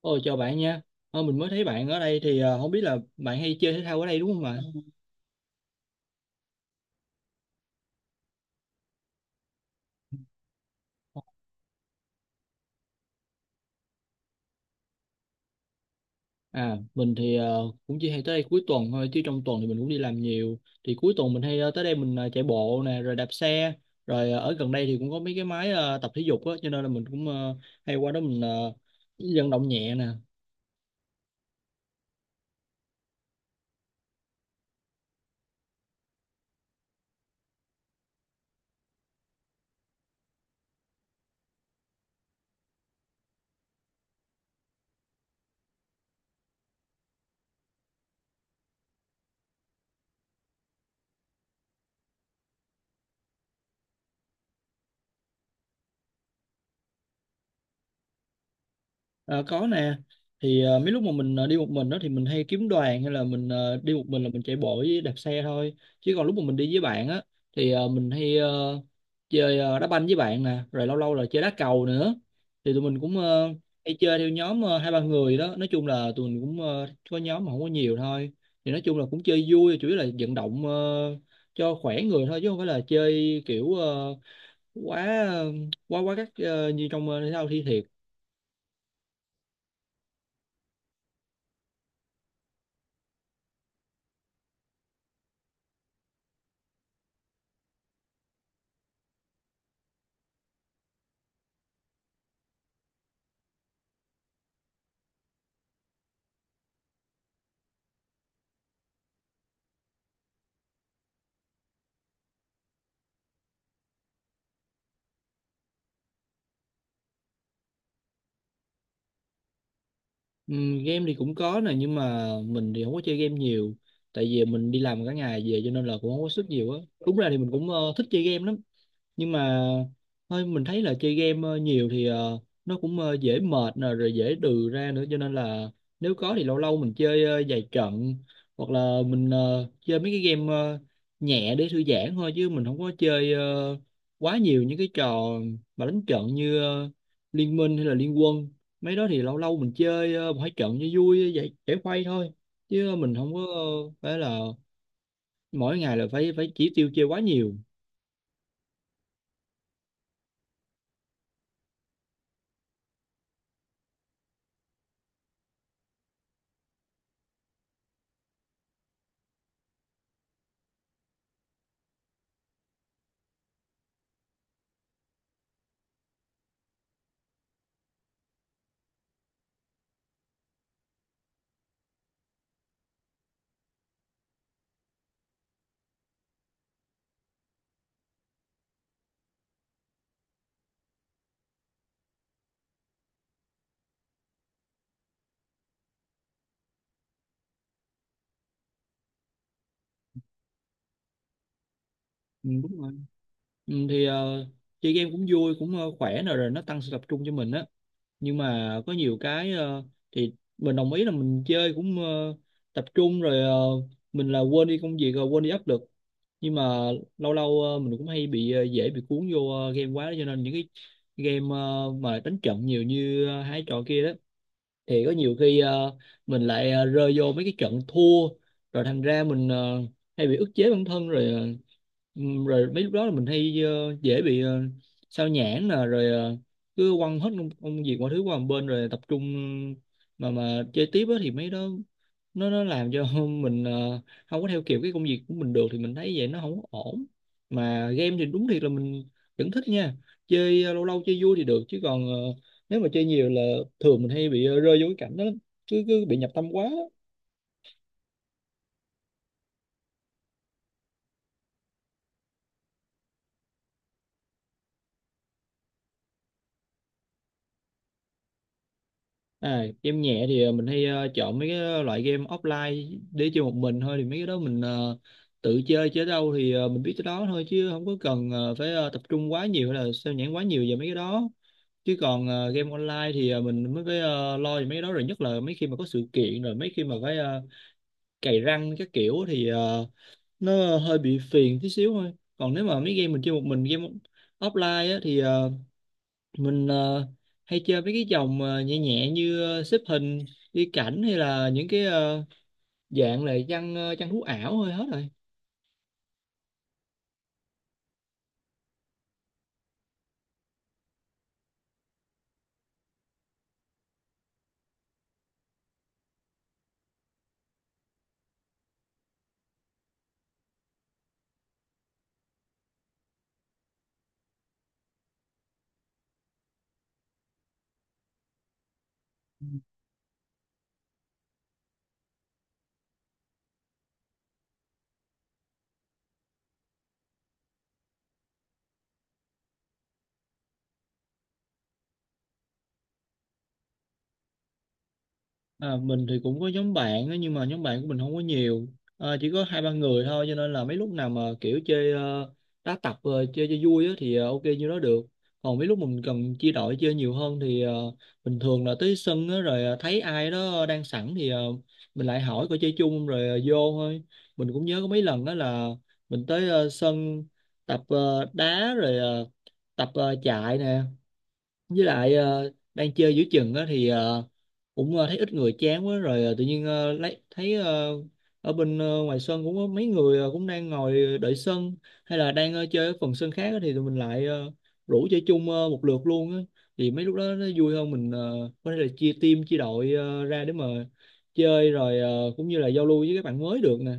Ôi chào bạn nha. Mình mới thấy bạn ở đây thì không biết là bạn hay chơi thể thao ở đây đúng không ạ? Mình thì cũng chỉ hay tới đây cuối tuần thôi chứ trong tuần thì mình cũng đi làm nhiều. Thì cuối tuần mình hay tới đây mình chạy bộ nè, rồi đạp xe, rồi ở gần đây thì cũng có mấy cái máy tập thể dục á, cho nên là mình cũng hay qua đó mình vận động nhẹ nè. Ờ, có nè, thì mấy lúc mà mình đi một mình đó thì mình hay kiếm đoàn, hay là mình đi một mình là mình chạy bộ với đạp xe thôi, chứ còn lúc mà mình đi với bạn á thì mình hay chơi đá banh với bạn nè, rồi lâu lâu là chơi đá cầu nữa. Thì tụi mình cũng hay chơi theo nhóm hai ba người đó, nói chung là tụi mình cũng có nhóm mà không có nhiều thôi. Thì nói chung là cũng chơi vui, chủ yếu là vận động cho khỏe người thôi, chứ không phải là chơi kiểu quá quá quá các như trong thể thao thi thiệt. Game thì cũng có nè, nhưng mà mình thì không có chơi game nhiều, tại vì mình đi làm cả ngày về cho nên là cũng không có sức nhiều á. Đúng ra thì mình cũng thích chơi game lắm, nhưng mà thôi, mình thấy là chơi game nhiều thì nó cũng dễ mệt nè, rồi dễ đừ ra nữa, cho nên là nếu có thì lâu lâu mình chơi vài trận, hoặc là mình chơi mấy cái game nhẹ để thư giãn thôi, chứ mình không có chơi quá nhiều những cái trò mà đánh trận như Liên Minh hay là Liên Quân. Mấy đó thì lâu lâu mình chơi một hai trận cho vui, giải giải khuây thôi, chứ mình không có phải là mỗi ngày là phải phải chỉ tiêu chơi quá nhiều. Ừ, đúng rồi. Ừ, thì chơi game cũng vui, cũng khỏe, rồi rồi nó tăng sự tập trung cho mình á, nhưng mà có nhiều cái thì mình đồng ý là mình chơi cũng tập trung, rồi mình là quên đi công việc, rồi quên đi áp lực. Nhưng mà lâu lâu mình cũng hay bị dễ bị cuốn vô game quá, cho nên những cái game mà đánh trận nhiều như hai trò kia đó, thì có nhiều khi mình lại rơi vô mấy cái trận thua, rồi thành ra mình hay bị ức chế bản thân, rồi rồi mấy lúc đó là mình hay dễ bị sao nhãng nè, rồi cứ quăng hết công việc mọi thứ qua một bên, rồi tập trung mà chơi tiếp á, thì mấy đó nó làm cho mình không có theo kịp cái công việc của mình được, thì mình thấy vậy nó không có ổn. Mà game thì đúng thiệt là mình vẫn thích nha, chơi lâu lâu chơi vui thì được, chứ còn nếu mà chơi nhiều là thường mình hay bị rơi vô cái cảnh đó lắm. Cứ cứ bị nhập tâm quá á. À, game nhẹ thì mình hay chọn mấy cái loại game offline để chơi một mình thôi, thì mấy cái đó mình tự chơi chơi đâu thì mình biết tới đó thôi, chứ không có cần phải tập trung quá nhiều hay là sao nhãng quá nhiều về mấy cái đó. Chứ còn game online thì mình mới phải lo về mấy cái đó, rồi nhất là mấy khi mà có sự kiện, rồi mấy khi mà phải cày răng các kiểu thì nó hơi bị phiền tí xíu thôi. Còn nếu mà mấy game mình chơi một mình, game offline á, thì mình hay chơi với cái dòng nhẹ nhẹ như xếp hình, đi cảnh, hay là những cái dạng là chăn thú ảo thôi, hết rồi. À, mình thì cũng có nhóm bạn á, nhưng mà nhóm bạn của mình không có nhiều, à, chỉ có hai ba người thôi, cho nên là mấy lúc nào mà kiểu chơi uh, đá tập chơi cho vui á, thì ok như đó được. Còn mấy lúc mình cần chia đội chơi nhiều hơn thì bình thường là tới sân á, rồi thấy ai đó đang sẵn thì mình lại hỏi coi chơi chung không, rồi vô thôi. Mình cũng nhớ có mấy lần đó là mình tới sân tập đá, rồi tập chạy nè, với lại đang chơi giữa chừng á, thì cũng thấy ít người chán quá, rồi tự nhiên lấy thấy ở bên ngoài sân cũng có mấy người cũng đang ngồi đợi sân, hay là đang chơi ở phần sân khác á, thì tụi mình lại rủ chơi chung một lượt luôn á. Thì mấy lúc đó nó vui hơn, mình có thể là chia team, chia đội ra để mà chơi, rồi cũng như là giao lưu với các bạn mới được nè.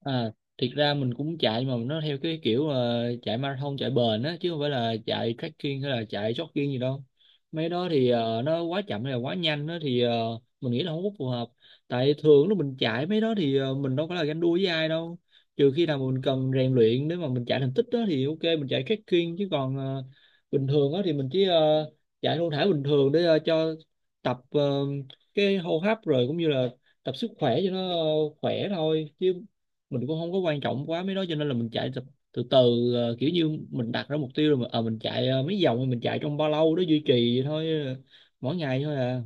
À, thiệt ra mình cũng chạy, mà nó theo cái kiểu chạy marathon, chạy bền á, chứ không phải là chạy trekking hay là chạy jogging gì đâu. Mấy đó thì nó quá chậm hay là quá nhanh á, thì mình nghĩ là không có phù hợp. Tại thường lúc mình chạy mấy đó thì mình đâu phải là ganh đua với ai đâu, trừ khi nào mà mình cần rèn luyện để mà mình chạy thành tích đó thì ok mình chạy trekking. Chứ còn bình thường á thì mình chỉ chạy thong thả bình thường để cho tập cái hô hấp, rồi cũng như là tập sức khỏe cho nó khỏe thôi, chứ mình cũng không có quan trọng quá mấy đó, cho nên là mình chạy từ từ, từ kiểu như mình đặt ra mục tiêu, rồi mà mình chạy mấy vòng, mình chạy trong bao lâu đó duy trì vậy thôi mỗi ngày thôi à.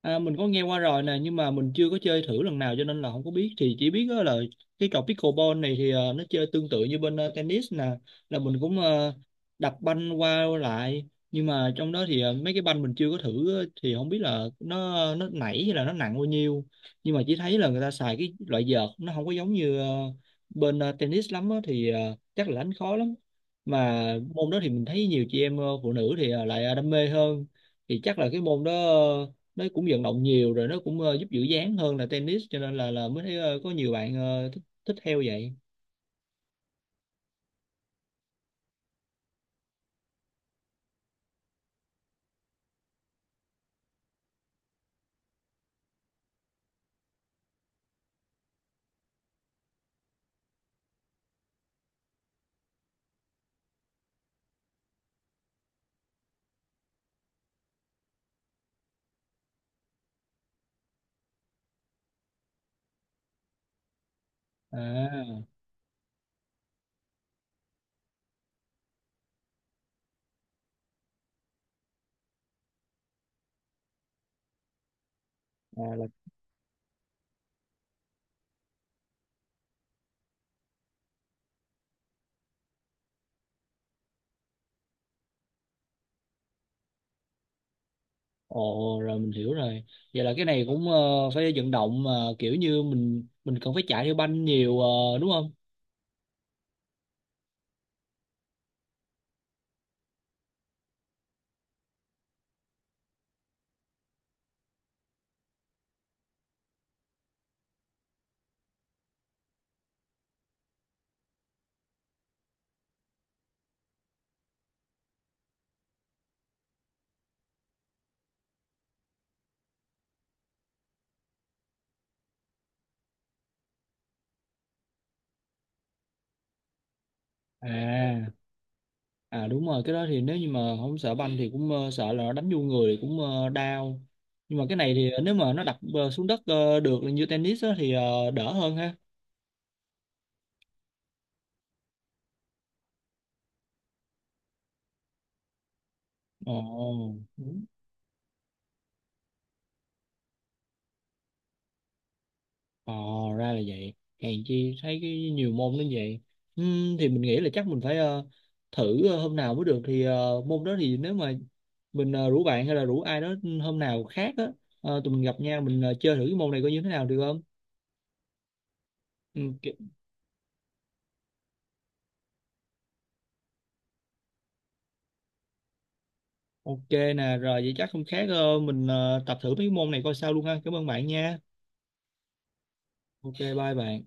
À, mình có nghe qua rồi nè, nhưng mà mình chưa có chơi thử lần nào cho nên là không có biết. Thì chỉ biết á là cái trò pickleball này thì nó chơi tương tự như bên tennis nè, là mình cũng đập banh qua lại, nhưng mà trong đó thì mấy cái banh mình chưa có thử á, thì không biết là nó nảy hay là nó nặng bao nhiêu. Nhưng mà chỉ thấy là người ta xài cái loại vợt nó không có giống như bên tennis lắm á, thì chắc là đánh khó lắm. Mà môn đó thì mình thấy nhiều chị em phụ nữ thì lại đam mê hơn. Thì chắc là cái môn đó nó cũng vận động nhiều, rồi nó cũng giúp giữ dáng hơn là tennis, cho nên là mới thấy có nhiều bạn thích theo vậy. À, à là ồ, rồi mình hiểu rồi. Vậy là cái này cũng phải vận động mà, kiểu như mình cần phải chạy theo banh nhiều đúng không? À, à đúng rồi, cái đó thì nếu như mà không sợ banh thì cũng sợ là nó đánh vô người thì cũng đau. Nhưng mà cái này thì nếu mà nó đập xuống đất được như tennis á, thì đỡ hơn ha. Ồ. Ờ, ra là vậy. Hèn chi thấy cái nhiều môn đến vậy. Thì mình nghĩ là chắc mình phải thử hôm nào mới được. Thì môn đó thì nếu mà mình rủ bạn hay là rủ ai đó, ừ, hôm nào khác á, tụi mình gặp nhau mình chơi thử cái môn này coi như thế nào được không? Ừm, ki- ok nè, rồi vậy chắc không khác mình tập thử mấy cái môn này coi sao luôn ha. Cảm ơn bạn nha. Ok, bye bạn.